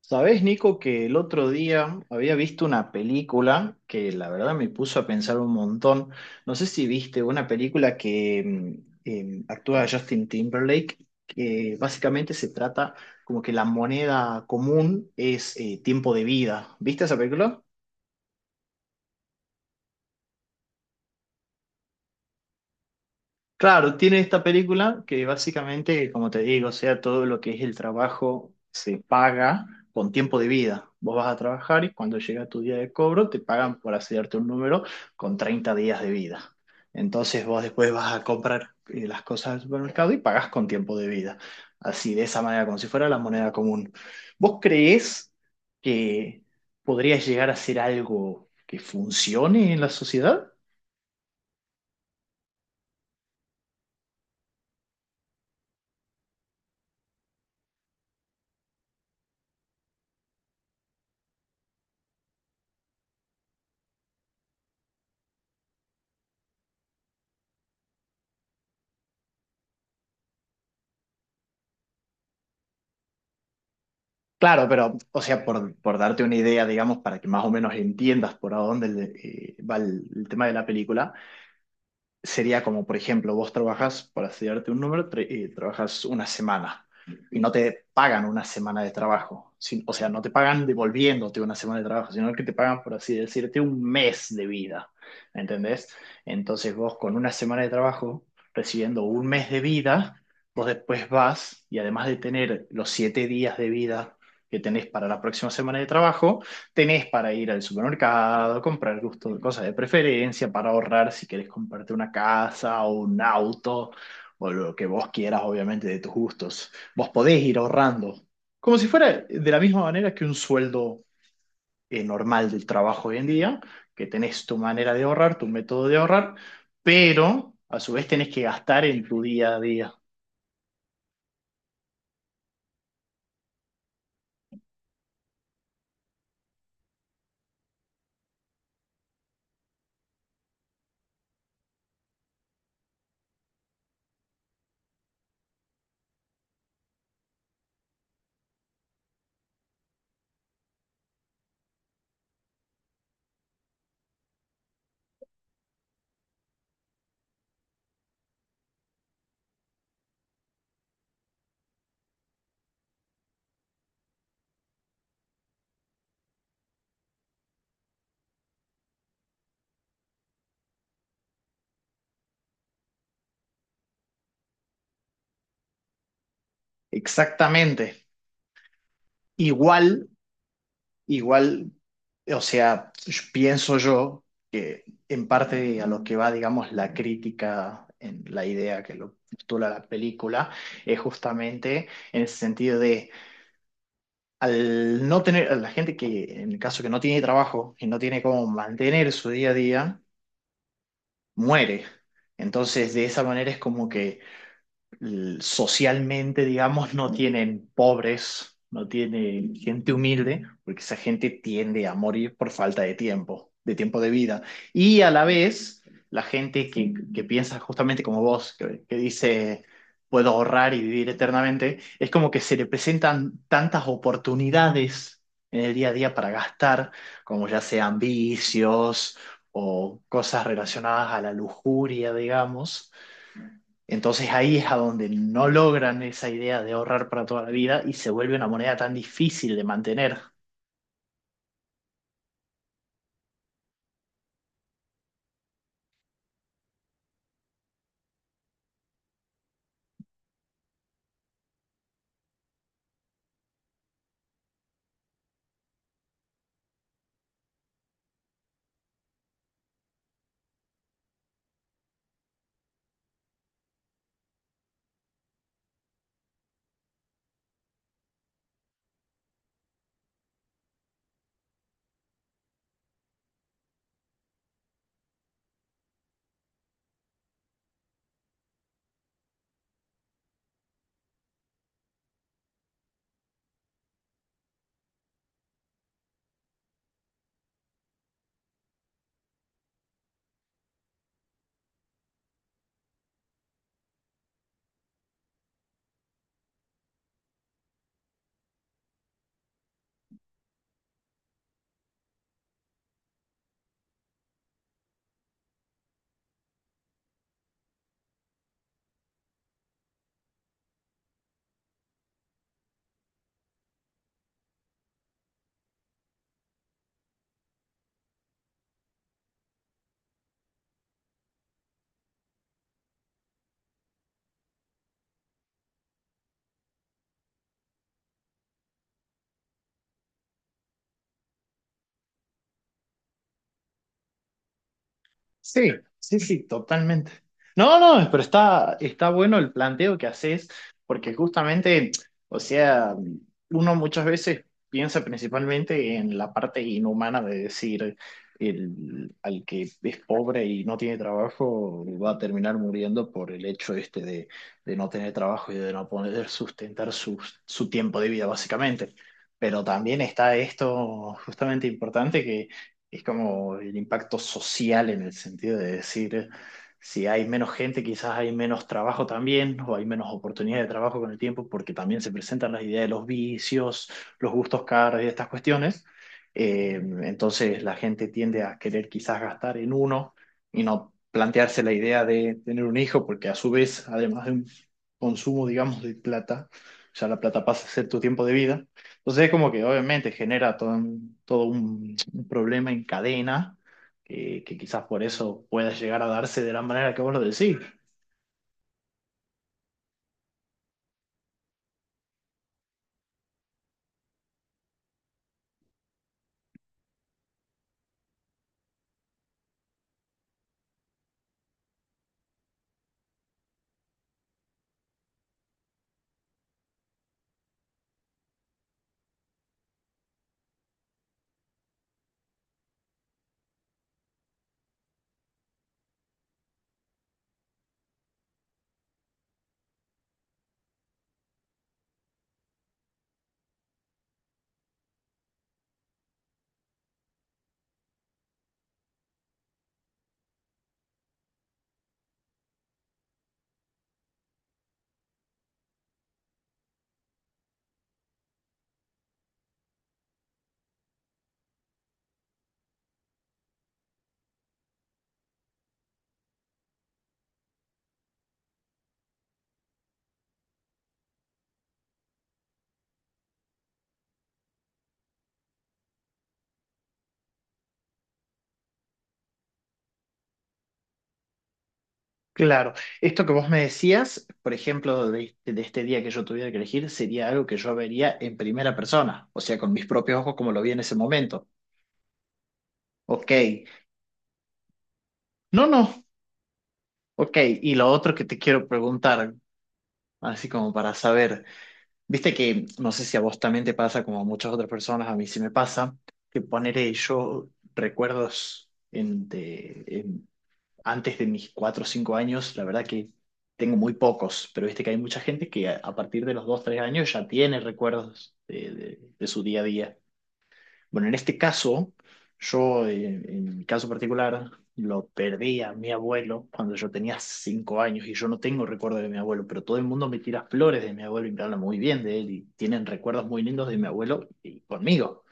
Sabés, Nico, que el otro día había visto una película que la verdad me puso a pensar un montón. No sé si viste una película que actúa Justin Timberlake, que básicamente se trata como que la moneda común es tiempo de vida. ¿Viste esa película? Claro, tiene esta película que básicamente, como te digo, o sea, todo lo que es el trabajo se paga con tiempo de vida. Vos vas a trabajar y cuando llega tu día de cobro te pagan por hacerte un número con 30 días de vida. Entonces vos después vas a comprar las cosas al supermercado y pagás con tiempo de vida. Así, de esa manera, como si fuera la moneda común. ¿Vos creés que podrías llegar a ser algo que funcione en la sociedad? Claro, pero, o sea, por darte una idea, digamos, para que más o menos entiendas por a dónde va el tema de la película, sería como, por ejemplo, vos trabajas, para estudiarte un número, trabajas una semana y no te pagan una semana de trabajo. O sea, no te pagan devolviéndote una semana de trabajo, sino que te pagan, por así decirte, un mes de vida. ¿Entendés? Entonces vos con una semana de trabajo, recibiendo un mes de vida, vos después vas y además de tener los 7 días de vida que tenés para la próxima semana de trabajo, tenés para ir al supermercado, comprar gusto, cosas de preferencia, para ahorrar si querés comprarte una casa o un auto o lo que vos quieras, obviamente, de tus gustos. Vos podés ir ahorrando, como si fuera de la misma manera que un sueldo normal del trabajo hoy en día, que tenés tu manera de ahorrar, tu método de ahorrar, pero a su vez tenés que gastar en tu día a día. Exactamente. Igual Igual, o sea, pienso yo que en parte a lo que va, digamos, la crítica en la idea que lo postula la película es justamente en el sentido de al no tener, a la gente que en el caso que no tiene trabajo y no tiene cómo mantener su día a día, muere. Entonces, de esa manera es como que socialmente, digamos, no tienen pobres, no tienen gente humilde, porque esa gente tiende a morir por falta de tiempo, de tiempo de vida. Y a la vez, la gente que piensa justamente como vos, que dice, puedo ahorrar y vivir eternamente, es como que se le presentan tantas oportunidades en el día a día para gastar, como ya sean vicios o cosas relacionadas a la lujuria, digamos, entonces ahí es a donde no logran esa idea de ahorrar para toda la vida y se vuelve una moneda tan difícil de mantener. Sí, sí, sí, totalmente. No, no, pero está bueno el planteo que haces, porque justamente, o sea, uno muchas veces piensa principalmente en la parte inhumana de decir, el, al que es pobre y no tiene trabajo va a terminar muriendo por el hecho este de no tener trabajo y de no poder sustentar su tiempo de vida, básicamente. Pero también está esto justamente importante es como el impacto social en el sentido de decir, si hay menos gente, quizás hay menos trabajo también, o hay menos oportunidad de trabajo con el tiempo, porque también se presentan las ideas de los vicios, los gustos caros y estas cuestiones. Eh, entonces la gente tiende a querer quizás gastar en uno y no plantearse la idea de tener un hijo, porque a su vez, además de un consumo, digamos, de plata, ya la plata pasa a ser tu tiempo de vida. Entonces es como que obviamente genera todo, todo un problema en cadena, que quizás por eso pueda llegar a darse de la manera que vos lo decís. Claro, esto que vos me decías, por ejemplo, de este día que yo tuviera que elegir, sería algo que yo vería en primera persona, o sea, con mis propios ojos como lo vi en ese momento. Ok, no, no, ok, y lo otro que te quiero preguntar, así como para saber, viste que no sé si a vos también te pasa como a muchas otras personas, a mí sí me pasa, que poner yo recuerdos en, antes de mis 4 o 5 años, la verdad que tengo muy pocos, pero viste que hay mucha gente que a partir de los 2, 3 años ya tiene recuerdos de su día a día. Bueno, en este caso, en mi caso particular, lo perdí a mi abuelo cuando yo tenía 5 años y yo no tengo recuerdo de mi abuelo, pero todo el mundo me tira flores de mi abuelo y me habla muy bien de él y tienen recuerdos muy lindos de mi abuelo y conmigo.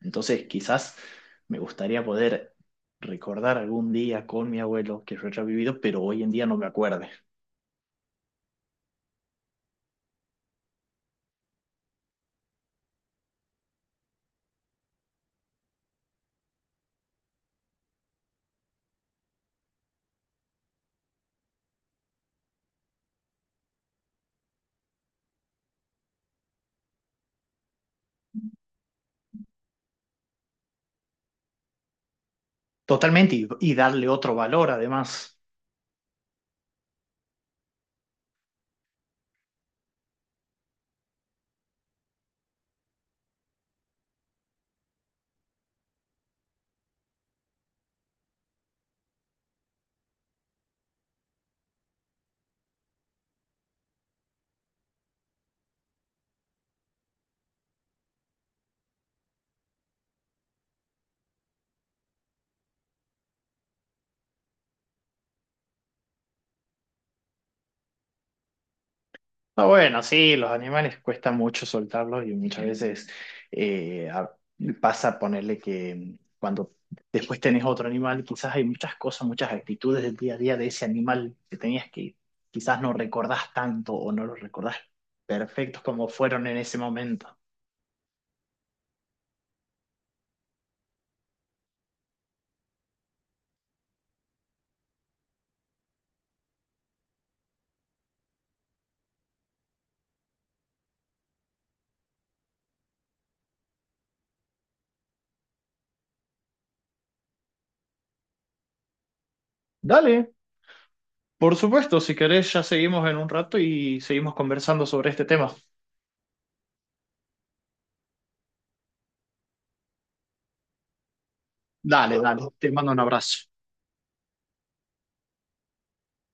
Entonces, quizás me gustaría poder recordar algún día con mi abuelo que yo haya vivido, pero hoy en día no me acuerde. Totalmente, y darle otro valor además. Ah, bueno, sí, los animales cuesta mucho soltarlos y muchas veces eh, a- pasa ponerle que cuando después tenés otro animal, quizás hay muchas cosas, muchas actitudes del día a día de ese animal que tenías que quizás no recordás tanto o no los recordás perfectos como fueron en ese momento. Dale, por supuesto, si querés, ya seguimos en un rato y seguimos conversando sobre este tema. Dale, dale, te mando un abrazo.